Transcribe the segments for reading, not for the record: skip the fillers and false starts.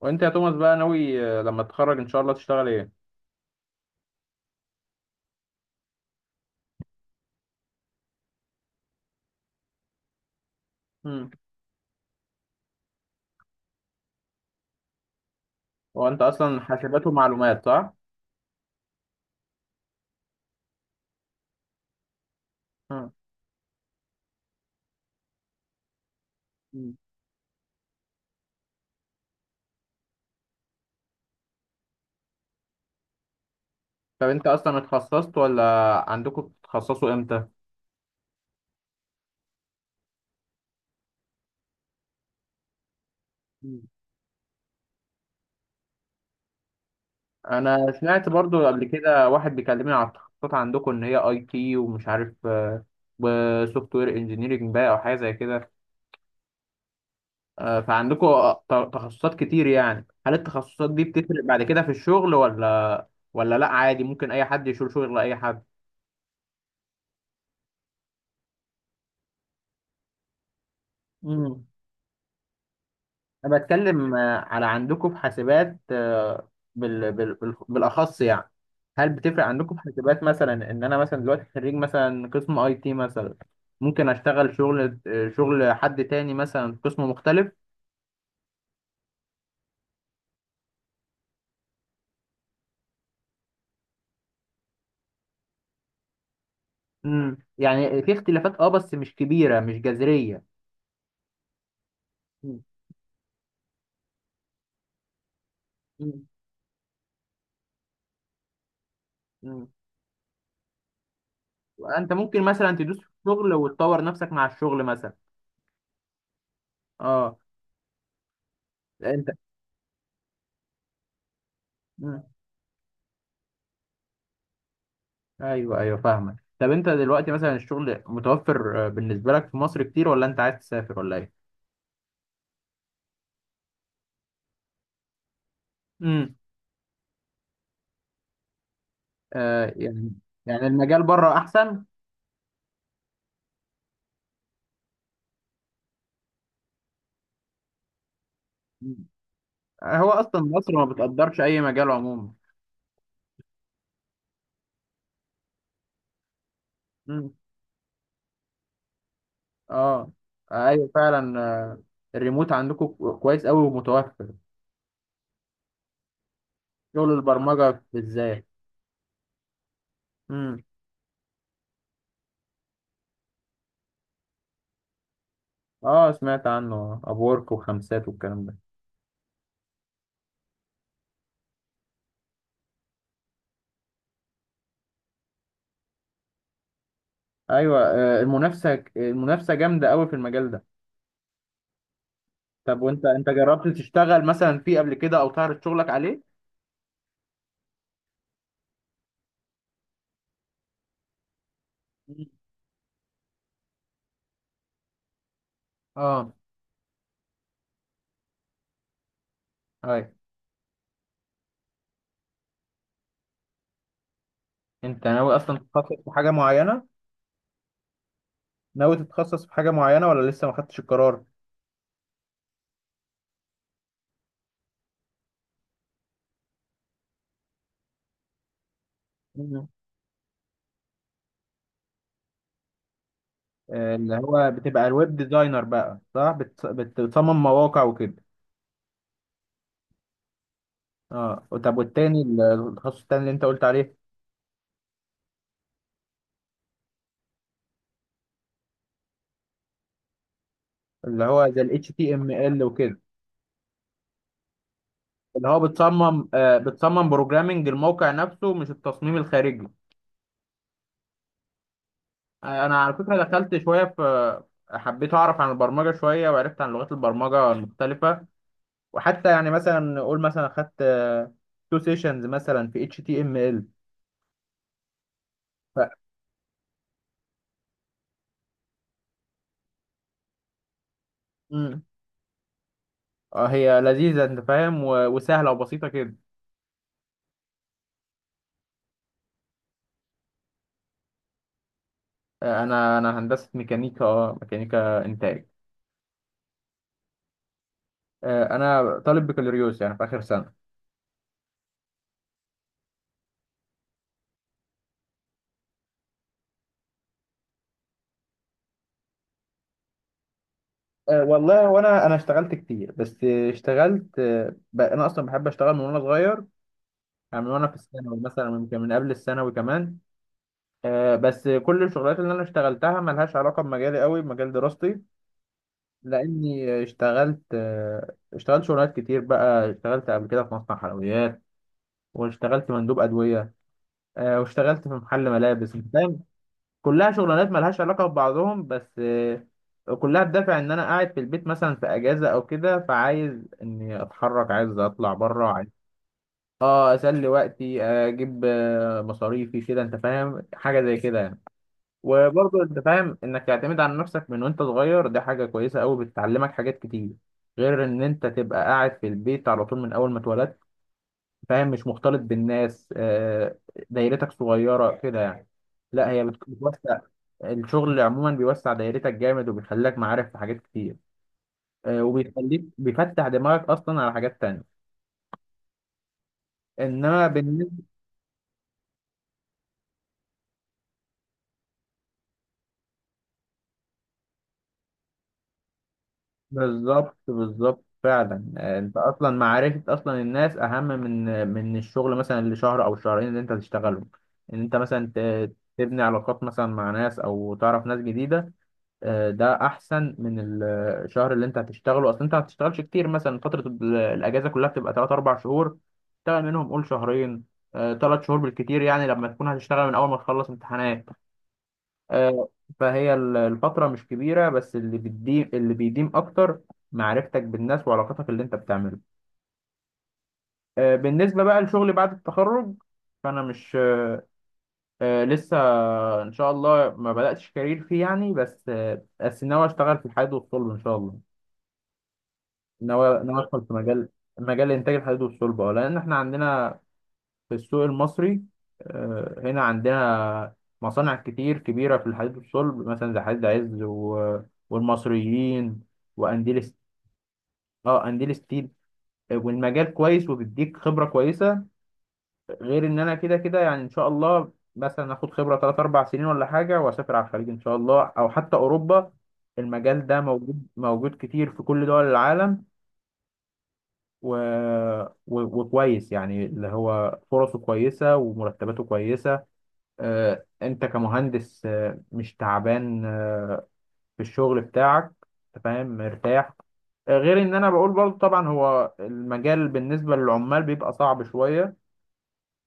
وانت يا توماس بقى ناوي لما تتخرج ان شاء الله تشتغل ايه؟ مم. هو انت اصلا حاسبات ومعلومات صح؟ مم. مم. طب انت اصلا اتخصصت ولا عندكم بتتخصصوا امتى؟ مم. انا سمعت برضو قبل كده واحد بيكلمني على التخصصات عندكم ان هي اي تي ومش عارف وسوفت وير انجينيرنج بقى او حاجه زي كده. فعندكم تخصصات كتير، يعني هل التخصصات دي بتفرق بعد كده في الشغل ولا ولا لا عادي ممكن اي حد يشيل شغل اي حد؟ مم. انا بتكلم على عندكم في حاسبات، بالاخص يعني، هل بتفرق عندكم في حاسبات مثلا ان انا مثلا دلوقتي خريج مثلا قسم اي تي مثلا ممكن اشتغل شغل شغل حد تاني مثلا في قسم مختلف؟ يعني في اختلافات، اه بس مش كبيرة، مش جذرية. مم. مم. مم. انت ممكن مثلا تدوس في الشغل وتطور نفسك مع الشغل مثلا؟ اه. انت. ايوه، ايوه، فاهمك. طب انت دلوقتي مثلا الشغل متوفر بالنسبه لك في مصر كتير ولا انت عايز تسافر ولا ايه؟ امم. آه، يعني. يعني المجال بره احسن. هو اصلا مصر ما بتقدرش اي مجال عموما. امم. اه. ايوه فعلا. الريموت عندكم كويس قوي ومتوفر. شغل البرمجه بالذات. امم. اه، سمعت عنه ابورك وخمسات والكلام ده. ايوه. المنافسه، المنافسه جامده قوي في المجال ده. طب وانت جربت تشتغل مثلا فيه قبل كده او تعرض شغلك عليه؟ مم. اه. اي. انت ناوي اصلا تتخصص في حاجه معينه؟ ناوي تتخصص في حاجه معينه ولا لسه ما خدتش القرار؟ مم. اللي هو بتبقى الويب ديزاينر بقى، صح؟ بتصمم مواقع وكده. اه، طب والتاني التخصص التاني اللي انت قلت عليه. اللي هو زي ال HTML وكده. اللي هو بتصمم، آه، بتصمم بروجرامنج الموقع نفسه مش التصميم الخارجي. انا على فكره دخلت شويه في، حبيت اعرف عن البرمجه شويه وعرفت عن لغات البرمجه المختلفه، وحتى يعني مثلا نقول مثلا خدت تو سيشنز مثلا في اتش تي ام ال، ف. مم. هي لذيذه، انت فاهم، وسهله وبسيطه كده. انا هندسه ميكانيكا، اه ميكانيكا انتاج. انا طالب بكالوريوس يعني في اخر سنه. والله وانا اشتغلت كتير، بس اشتغلت، انا اصلا بحب اشتغل من وانا صغير، يعني من وانا في الثانوي مثلا، من قبل الثانوي كمان. بس كل الشغلات اللي انا اشتغلتها ملهاش علاقه بمجالي، قوي بمجال دراستي، لاني اشتغلت، اشتغلت شغلات كتير بقى، اشتغلت قبل كده في مصنع حلويات، واشتغلت مندوب ادويه، واشتغلت في محل ملابس، أنت فاهم. كلها شغلانات ملهاش علاقه ببعضهم، بس كلها بدافع ان انا قاعد في البيت مثلا في اجازه او كده، فعايز اني اتحرك، عايز اطلع بره، عايز اه اسلي وقتي، اجيب مصاريفي كده، انت فاهم، حاجه زي كده يعني. وبرضه انت فاهم انك تعتمد على نفسك من وانت صغير، دي حاجة كويسة قوي، بتعلمك حاجات كتير، غير ان انت تبقى قاعد في البيت على طول من اول ما اتولدت، فاهم، مش مختلط بالناس. دايرتك صغيرة كده يعني. لا، هي بتوسع، الشغل عموما بيوسع دايرتك جامد، وبيخليك معارف في حاجات كتير، وبيخليك بيفتح دماغك اصلا على حاجات تانية. انما بالنسبة، بالظبط بالظبط فعلا. انت اصلا معرفة اصلا الناس اهم من الشغل مثلا اللي شهر او شهرين اللي انت هتشتغلهم، ان انت مثلا تبني علاقات مثلا مع ناس، او تعرف ناس جديدة. ده احسن من الشهر اللي انت هتشتغله، اصلا انت ما هتشتغلش كتير مثلا، فترة الاجازة كلها بتبقى 3 4 شهور، تشتغل منهم قول شهرين 3 شهور بالكتير، يعني لما تكون هتشتغل من اول ما تخلص امتحانات. آه، فهي الفترة مش كبيرة، بس اللي بتديم، اللي بيديم أكتر معرفتك بالناس وعلاقتك اللي أنت بتعمله. بالنسبة بقى لشغلي بعد التخرج، فأنا مش، لسه إن شاء الله ما بدأتش كارير فيه يعني، بس بس ناوي أشتغل في الحديد والصلب إن شاء الله. ناوي أدخل في مجال، مجال إنتاج الحديد والصلب، أه لأن إحنا عندنا في السوق المصري، هنا عندنا مصانع كتير كبيرة في الحديد والصلب، مثلا زي حديد عز و... والمصريين، وأنديل س- اه أنديل ستيل. والمجال كويس وبيديك خبرة كويسة، غير إن أنا كده كده يعني إن شاء الله مثلا آخد خبرة تلات أربع سنين ولا حاجة وأسافر على الخليج إن شاء الله، أو حتى أوروبا. المجال ده موجود، موجود كتير في كل دول العالم، و... و... وكويس يعني، اللي هو فرصه كويسة ومرتباته كويسة. انت كمهندس مش تعبان في الشغل بتاعك، أنت فاهم، مرتاح. غير ان انا بقول برضه، طبعا هو المجال بالنسبة للعمال بيبقى صعب شوية،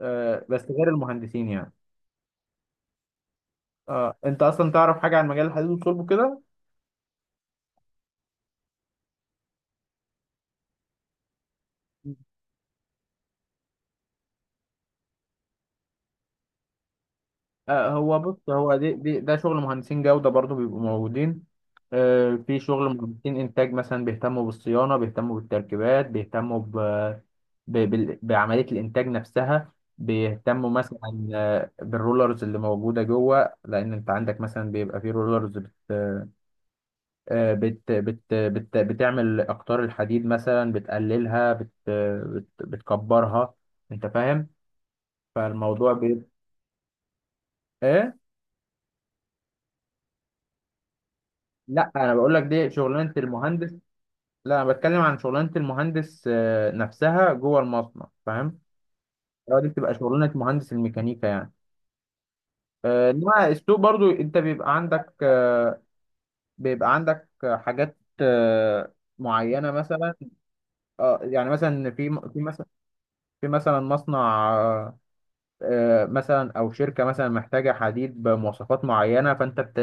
بس غير المهندسين يعني. انت اصلا تعرف حاجة عن مجال الحديد والصلب كده؟ هو بص، هو دي ده شغل مهندسين جودة برضو بيبقوا موجودين. في شغل مهندسين إنتاج مثلا، بيهتموا بالصيانة، بيهتموا بالتركيبات، بيهتموا بعملية الإنتاج نفسها، بيهتموا مثلا بالرولرز اللي موجودة جوه، لأن أنت عندك مثلا بيبقى في رولرز بت... آه، بت... بت... بت... بتعمل أقطار الحديد مثلا، بتقللها، بت... بتكبرها، أنت فاهم. فالموضوع بيبقى. إيه؟ لا انا بقول لك دي شغلانه المهندس، لا انا بتكلم عن شغلانه المهندس نفسها جوه المصنع، فاهم، هو دي بتبقى شغلانه مهندس الميكانيكا يعني. انما السوق برضو انت بيبقى عندك حاجات معينه مثلا. اه يعني مثلا في في مثلا، في مثلا مصنع مثلا او شركه مثلا محتاجه حديد بمواصفات معينه، فانت بت...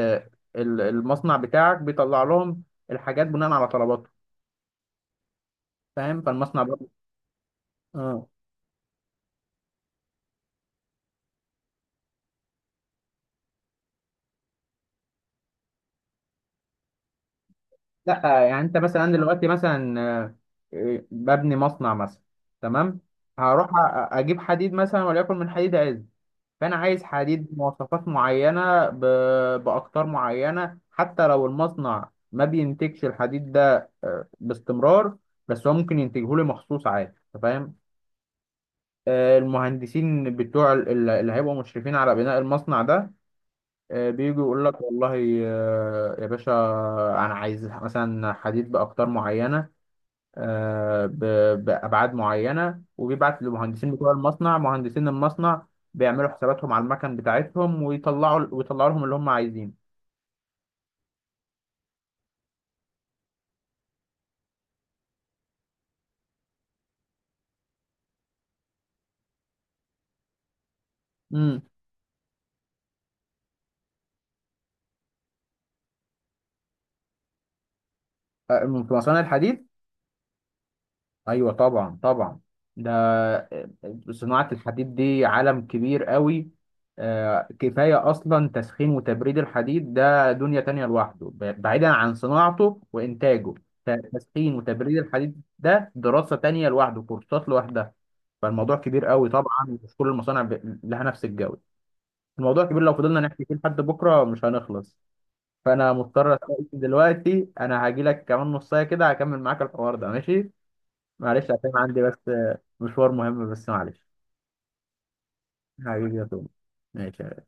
ال- المصنع بتاعك بيطلع لهم الحاجات بناء على طلباتهم، فاهم، فالمصنع برضو. لا يعني انت مثلا، انا دلوقتي مثلا ببني مصنع مثلا، تمام، هروح اجيب حديد مثلا وليكن من حديد عز، فانا عايز حديد بمواصفات معينه، باقطار معينه، حتى لو المصنع ما بينتجش الحديد ده باستمرار، بس هو ممكن ينتجه لي مخصوص عادي، أنت فاهم. المهندسين بتوع اللي هيبقوا مشرفين على بناء المصنع ده، بيجوا يقول لك والله، يا باشا انا عايز مثلا حديد باقطار معينه، بأبعاد معينة، وبيبعت لمهندسين بتوع المصنع، مهندسين المصنع بيعملوا حساباتهم على المكن بتاعتهم ويطلعوا، ويطلعوا لهم اللي هم عايزينه. امم. في مصانع الحديد؟ ايوه طبعا طبعا. ده آه، صناعة الحديد دي عالم كبير قوي، كفاية اصلا تسخين وتبريد الحديد، ده دنيا تانية لوحده، بعيدا عن صناعته وانتاجه. تسخين وتبريد الحديد ده دراسة تانية لوحده، كورسات لوحدها. فالموضوع كبير قوي، طبعا مش كل المصانع لها نفس الجودة. الموضوع كبير، لو فضلنا نحكي فيه لحد بكرة مش هنخلص. فانا مضطر استأذن دلوقتي، انا هاجي لك كمان نص ساعة كده، هكمل معاك الحوار ده، ماشي؟ معلش عشان عندي بس مشوار مهم، بس معلش. حبيبي يا توم، ماشي.